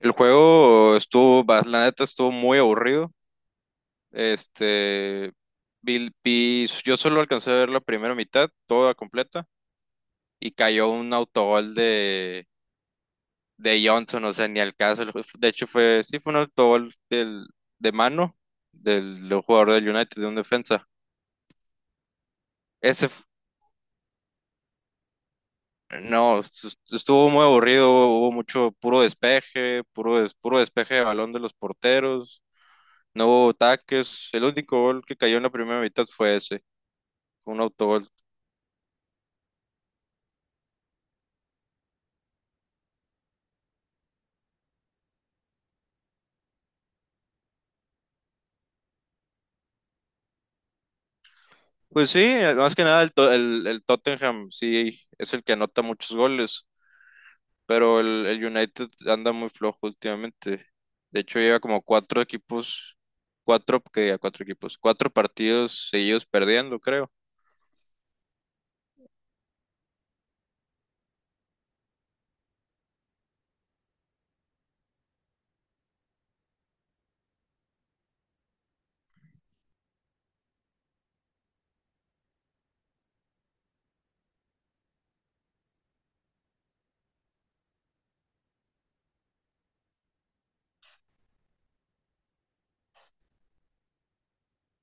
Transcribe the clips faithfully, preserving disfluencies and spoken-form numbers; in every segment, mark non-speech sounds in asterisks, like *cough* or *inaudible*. El juego estuvo, bas- la neta estuvo muy aburrido. Este, vi- vi- yo solo alcancé a ver la primera mitad, toda completa, y cayó un autogol de, de Johnson, o sea, ni al caso. el ju- De hecho, fue, sí, fue un autogol del, de mano del, del jugador del United, de un defensa. Ese, No, estu- estuvo muy aburrido, hubo mucho puro despeje, puro, des- puro despeje de balón de los porteros, no hubo ataques, el único gol que cayó en la primera mitad fue ese, fue un autogol. Pues sí, eh, más que nada el, To- el- el Tottenham sí es el que anota muchos goles, pero el, el United anda muy flojo últimamente. De hecho lleva como cuatro equipos, cuatro, que cuatro equipos, cuatro partidos seguidos perdiendo, creo.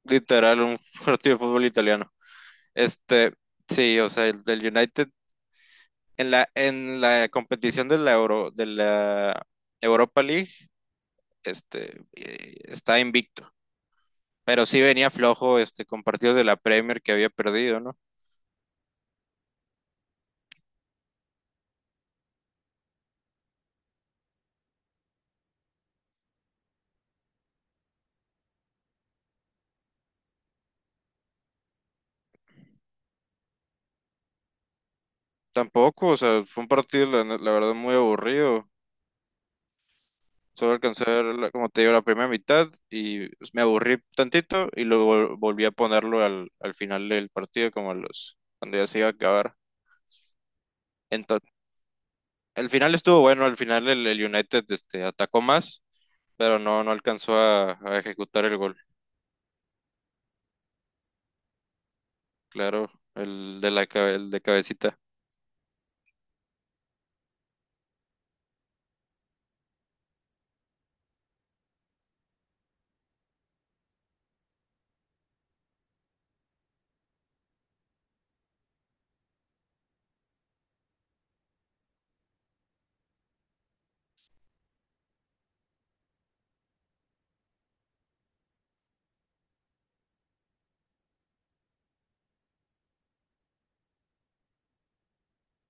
Literal, un *laughs* partido de fútbol italiano. Este, sí, o sea, el del United en la en la competición de la Euro de la Europa League, este eh, está invicto, pero sí venía flojo este con partidos de la Premier que había perdido, ¿no? Tampoco, o sea, fue un partido la, la verdad muy aburrido. Solo alcancé a ver, la- como te digo, la primera mitad y me aburrí tantito y luego vol- volví a ponerlo al, al final del partido, como a los, cuando ya se iba a acabar. Entonces, el final estuvo bueno, al final el, el United este, atacó más, pero no, no alcanzó a, a ejecutar el gol. Claro, el de la cabe- el de cabecita.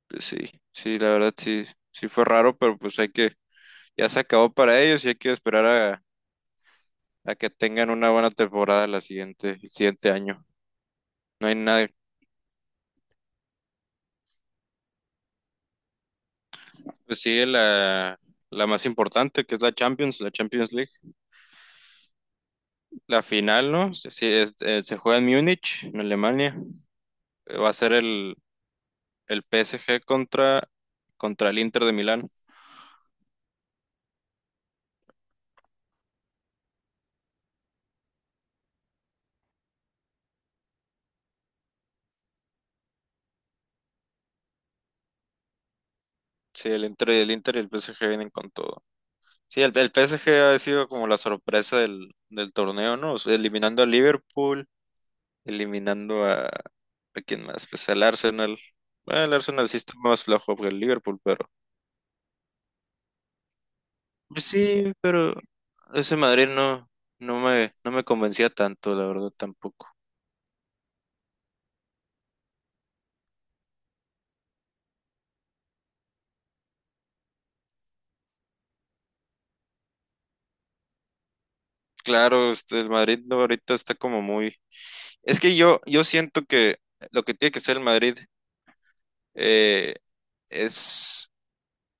Pues sí, sí, la verdad sí, sí fue raro, pero pues hay que, ya se acabó para ellos y hay que esperar a, a que tengan una buena temporada la siguiente, el siguiente año. No hay nada. Pues sigue la, la más importante, que es la Champions, la Champions League. La final, ¿no? Sí, sí, es- eh, se juega en Múnich, en Alemania. Eh, Va a ser el, el P S G contra, contra el Inter de Milán. Sí, el Inter, el Inter y el P S G vienen con todo. Sí, el, el P S G ha sido como la sorpresa del, del torneo, ¿no? O sea, eliminando a Liverpool, eliminando a... ¿A quién más? Pues al Arsenal. Bueno, el Arsenal sí está más flojo que el Liverpool, pero... Pues sí, pero ese Madrid no, no me, no me convencía tanto, la verdad, tampoco. Claro, este, el Madrid no, ahorita está como muy... Es que yo, yo siento que lo que tiene que ser el Madrid eh, es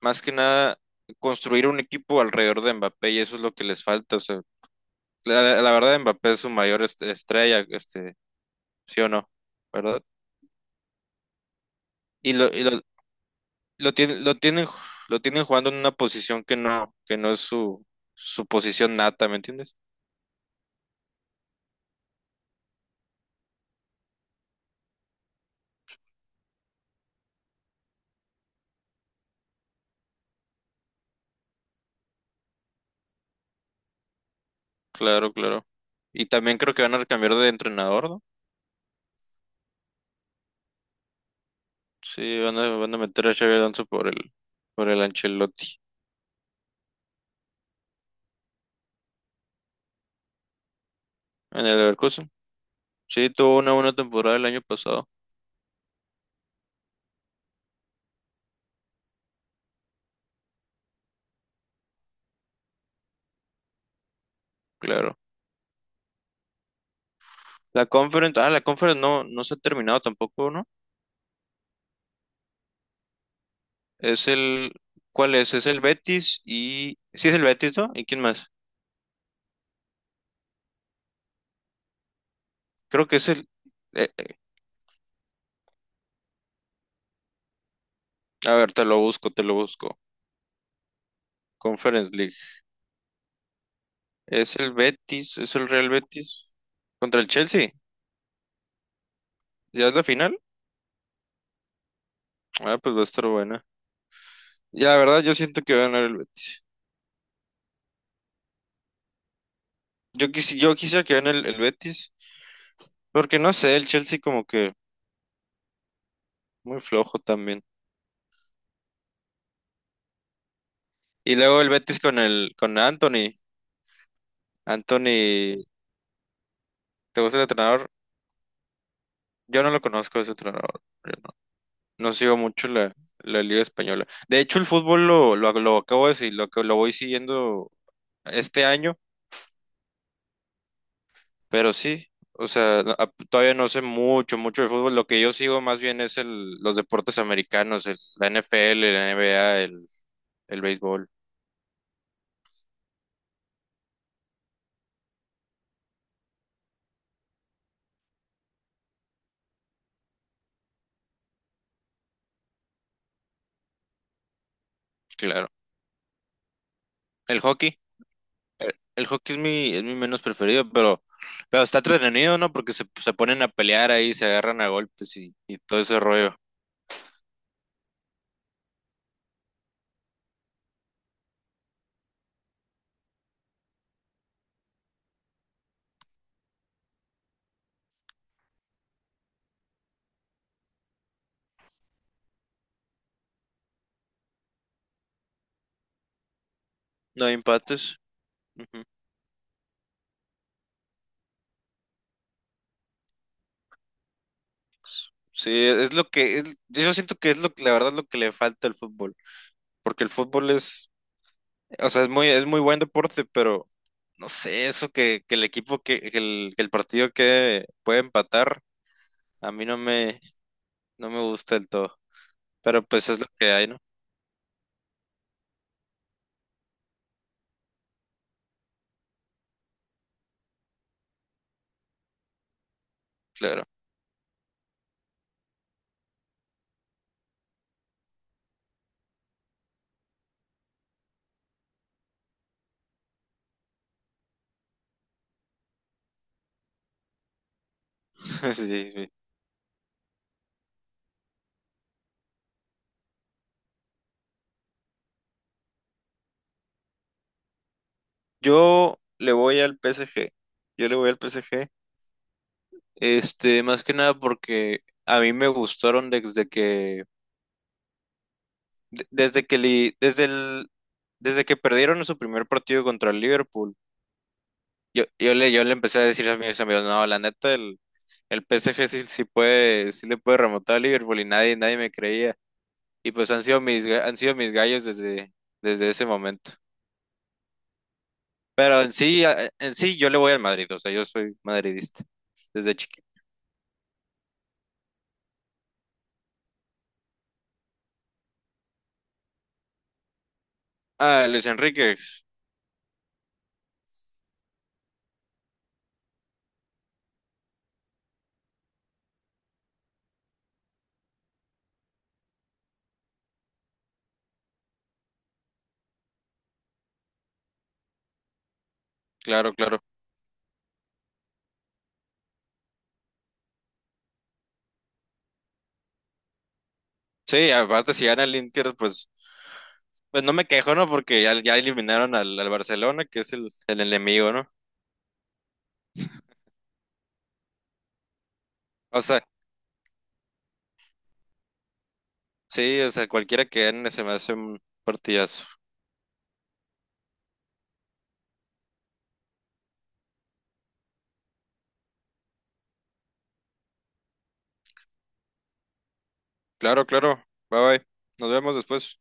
más que nada construir un equipo alrededor de Mbappé y eso es lo que les falta. O sea, la, la verdad, Mbappé es su mayor est- estrella, este, sí o no, ¿verdad? Y lo, y lo- lo tienen, lo tienen, lo tienen jugando en una posición que no, que no es su, su posición nata, ¿me entiendes? Claro, claro. Y también creo que van a cambiar de entrenador, ¿no? Sí, van a, van a meter a Xavi Alonso por el, por el Ancelotti en el Leverkusen. Sí, tuvo una buena temporada el año pasado, claro. La Conference, ah, la Conference no, no se ha terminado tampoco, ¿no? Es el, ¿cuál es? Es el Betis y, sí es el Betis, ¿no? ¿Y quién más? Creo que es el, eh, eh, a ver, te lo busco, te lo busco. Conference League. Es el Betis, es el Real Betis contra el Chelsea. ¿Ya es la final? Ah, pues va a estar buena. Ya, la verdad, yo siento que va a ganar el Betis. Yo, quisi- yo quisiera que gane el, el Betis, porque no sé, el Chelsea como que muy flojo también. Y luego el Betis con el con Anthony. Anthony, ¿te gusta el entrenador? Yo no lo conozco ese entrenador. Yo no, No sigo mucho la, la Liga Española. De hecho, el fútbol lo, lo, lo acabo de decir, lo, que- lo voy siguiendo este año. Pero sí, o sea, no- ap- todavía no sé mucho, mucho de fútbol. Lo que yo sigo más bien es el, los deportes americanos, el- la N F L, la N B A, el, el béisbol, claro. El hockey, el, el hockey es mi, es mi menos preferido, pero, pero está entretenido, ¿no? Porque se, se ponen a pelear ahí, se agarran a golpes y, y todo ese rollo. No hay empates. Ujú. Sí, es lo que, es- yo siento que es lo que, la verdad, lo que le falta al fútbol. Porque el fútbol es, o sea, es muy, es muy buen deporte, pero no sé, eso que, que el equipo, que, que el, que el partido que puede empatar, a mí no me, no me gusta del todo. Pero pues es lo que hay, ¿no? Claro. *laughs* Sí, sí. Yo le voy al P S G. Yo le voy al P S G. Este, más que nada porque a mí me gustaron desde que, de- desde que, li- desde el, desde que perdieron su primer partido contra el Liverpool. Yo, yo le, yo le empecé a decir a mis amigos, no, la neta, el, el P S G sí, sí puede, sí le puede remontar a Liverpool y nadie, nadie me creía. Y pues han sido mis, ga- han sido mis gallos desde, desde ese momento. Pero en sí, a- en sí yo le voy al Madrid, o sea, yo soy madridista desde chiquito. Ah, Luis Enrique, claro, claro. Sí, aparte si gana el Inter, pues, pues no me quejo, ¿no? Porque ya, ya eliminaron al, al Barcelona, que es el, el enemigo, ¿no? O sea, sí, o sea, cualquiera que gane se me hace un partidazo. Claro, claro. Bye bye. Nos vemos después.